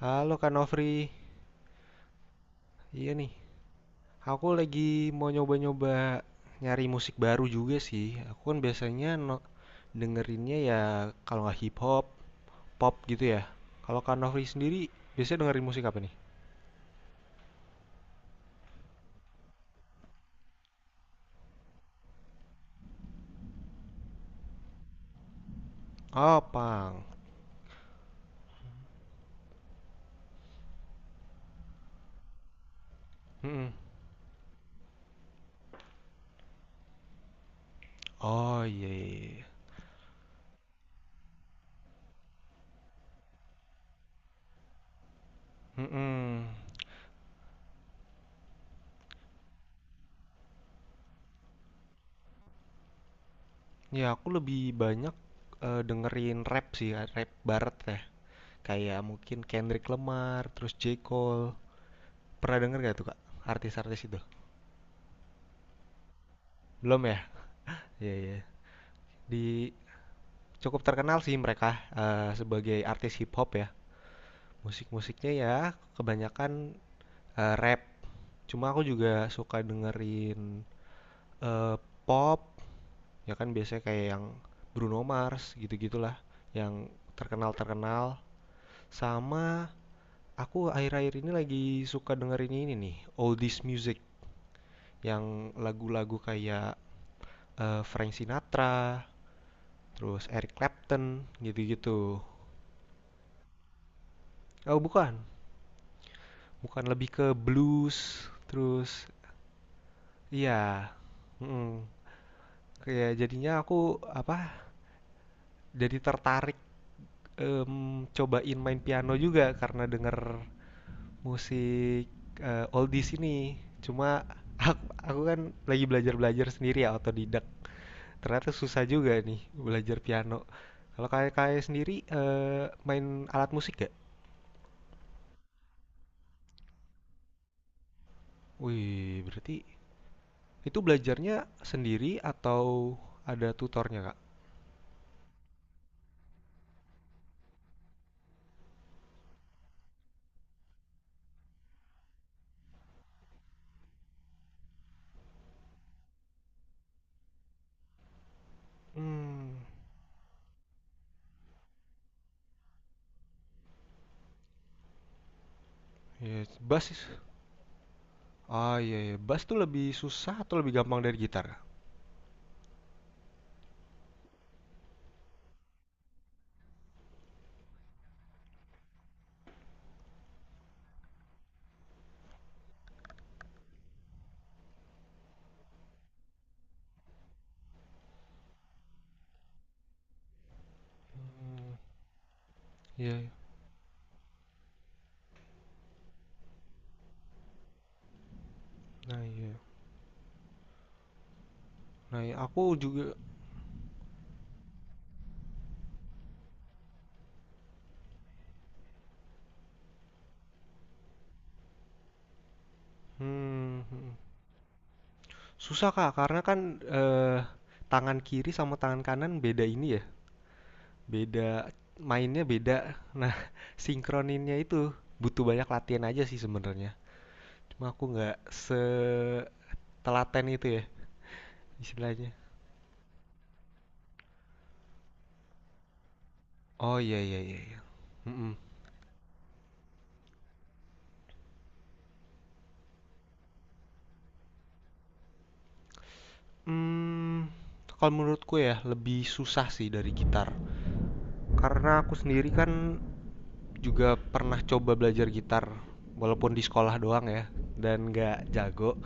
Halo Kak Nofri, iya nih, aku lagi mau nyoba-nyoba nyari musik baru juga sih. Aku kan biasanya dengerinnya ya kalau nggak hip hop, pop gitu ya. Kalau Kak Nofri sendiri biasanya dengerin musik apa nih? Oh, punk. Mm-mm. Oh iya, iya, iya. Mm-mm. Ya aku lebih banyak dengerin rap sih, rap barat ya. Kayak mungkin Kendrick Lamar, terus J. Cole. Pernah denger gak tuh Kak? Artis-artis itu? Belum ya? Iya, iya. Di cukup terkenal sih mereka, sebagai artis hip hop ya. Musik-musiknya ya kebanyakan, rap. Cuma aku juga suka dengerin, eee, pop, ya kan biasanya kayak yang Bruno Mars gitu-gitulah, yang terkenal-terkenal. Sama aku akhir-akhir ini lagi suka dengerin ini nih, oldies music, yang lagu-lagu kayak, Frank Sinatra, terus Eric Clapton, gitu-gitu. Oh bukan, bukan, lebih ke blues, terus iya, mhm, kayak jadinya aku, apa, jadi tertarik, cobain main piano juga karena denger musik, oldies ini. Cuma aku aku kan lagi belajar-belajar sendiri ya, otodidak. Ternyata susah juga nih belajar piano. Kalau kayak kayak sendiri, main alat musik gak? Wih, berarti itu belajarnya sendiri atau ada tutornya, Kak? Mmm. Iya, ah iya iya, bass tuh lebih susah atau lebih gampang dari gitar? Iya, iya. Nah iya. Nah, iya. Aku juga hmm, hmm, susah Kak karena kan tangan kiri sama tangan kanan beda ini ya. Beda mainnya beda. Nah, sinkroninnya itu butuh banyak latihan aja sih sebenarnya. Cuma aku nggak setelaten itu ya istilahnya. Oh iya iya iya iya. Mm-mm. Hmm, kalau menurutku ya lebih susah sih dari gitar. Karena aku sendiri kan juga pernah coba belajar gitar walaupun di sekolah doang ya dan nggak jago.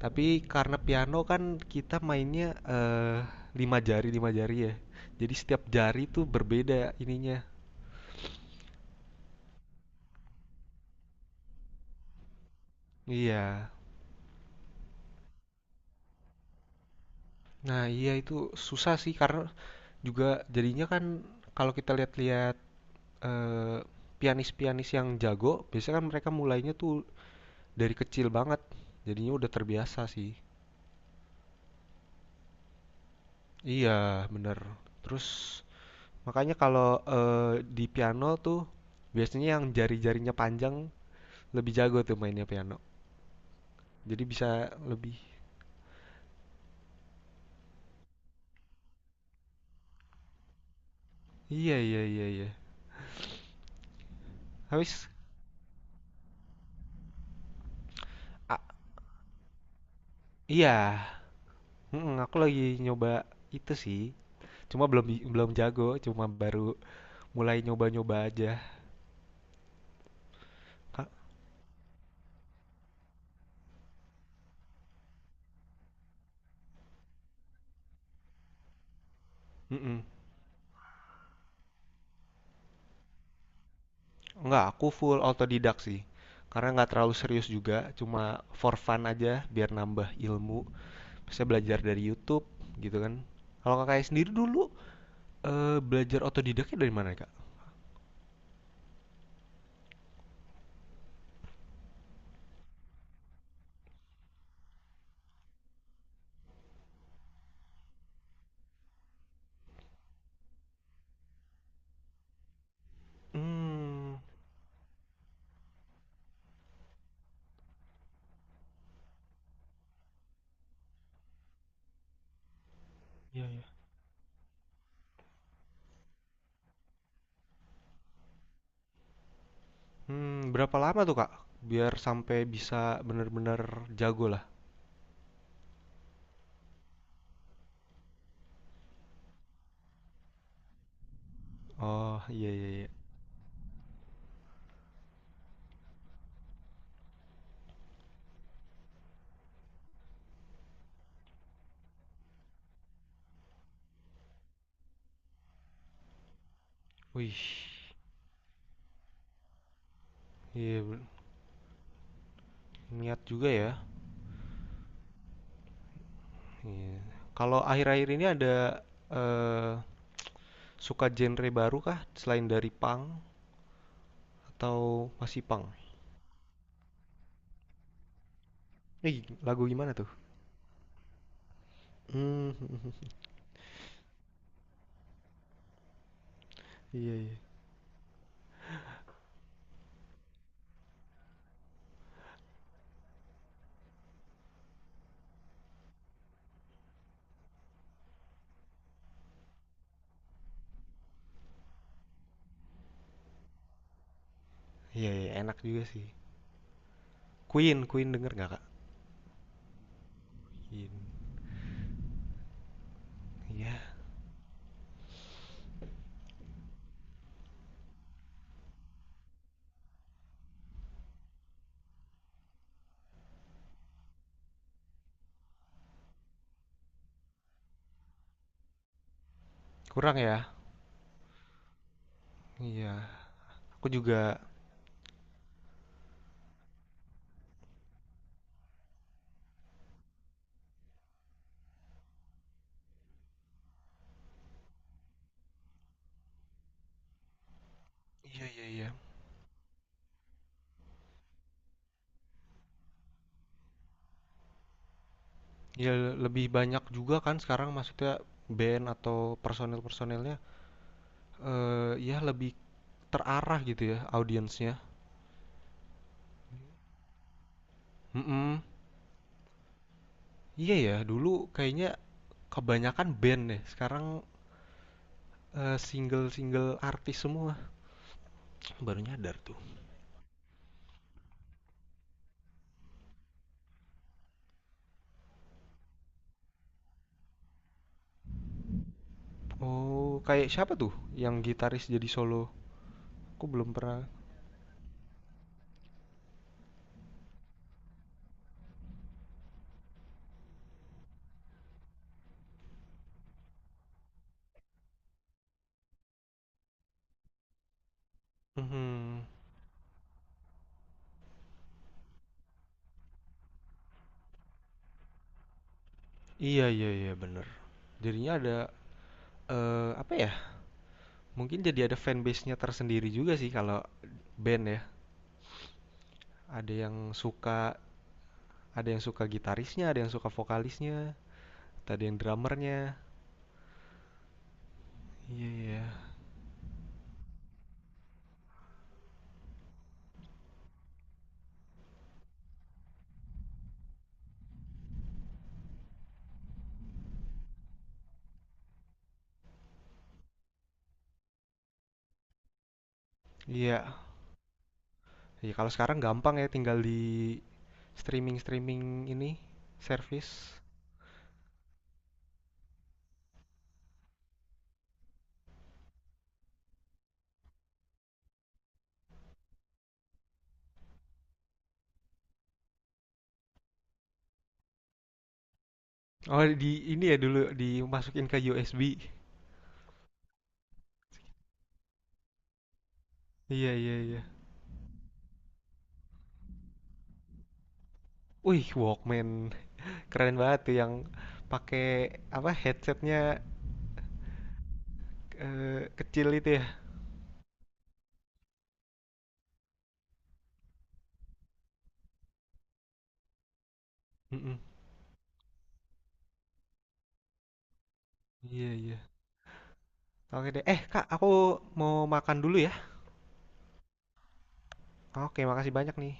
Tapi karena piano kan kita mainnya lima jari ya. Jadi setiap jari tuh berbeda ininya. Iya. Nah, iya itu susah sih karena juga jadinya kan kalau kita lihat-lihat eh, pianis-pianis yang jago, biasanya kan mereka mulainya tuh dari kecil banget. Jadinya udah terbiasa sih. Iya, bener. Terus makanya kalau di piano tuh biasanya yang jari-jarinya panjang lebih jago tuh mainnya piano. Jadi bisa lebih. Iya iya iya iya. Habis a- iya, mm-mm, aku lagi nyoba itu sih. Cuma belum belum jago, cuma baru mulai nyoba-nyoba aja. Ka- Mm-mm. Enggak, aku full autodidak sih. Karena nggak terlalu serius juga, cuma for fun aja biar nambah ilmu. Bisa belajar dari YouTube gitu kan. Kalau kakaknya sendiri dulu belajar otodidaknya dari mana, Kak? Hmm, iya ya. Hmm, berapa lama tuh, Kak? Biar sampai bisa bener-bener jago lah. Oh, iya iya iya. Wih, iya be niat juga ya. Iya. Kalau akhir-akhir ini ada, eee, suka genre baru kah selain dari punk atau masih punk? Ih, lagu gimana tuh? Hmm, mhm mhm. Iya iya. Iya iya, enak juga sih. Queen Queen denger nggak, Kak? Queen. Iya, kurang ya? Iya. Aku juga iya iya iya. Ya lebih banyak juga kan sekarang maksudnya band atau personil-personilnya eh ya lebih terarah gitu ya audiensnya. Mm-mm. Iya ya, dulu kayaknya kebanyakan band deh. Sekarang single-single artis semua. Baru nyadar tuh. Oh, kayak siapa tuh yang gitaris jadi solo? Aku belum pernah. Mhm. Iya iya iya bener. Jadinya ada apa ya? Mungkin jadi ada fanbase-nya tersendiri juga sih kalau band ya. Ada yang suka ada yang suka gitarisnya, ada yang suka vokalisnya, ada yang drummernya. Iya iya. Iya. Ya kalau sekarang gampang ya tinggal di streaming-streaming ini service. Oh di ini ya dulu dimasukin ke USB. Iya iya iya. Wih Walkman keren banget tuh yang pakai apa headsetnya kecil itu ya. Mm-mm. Iya iya. Oke deh. Eh Kak, aku mau makan dulu ya. Oke, makasih banyak nih.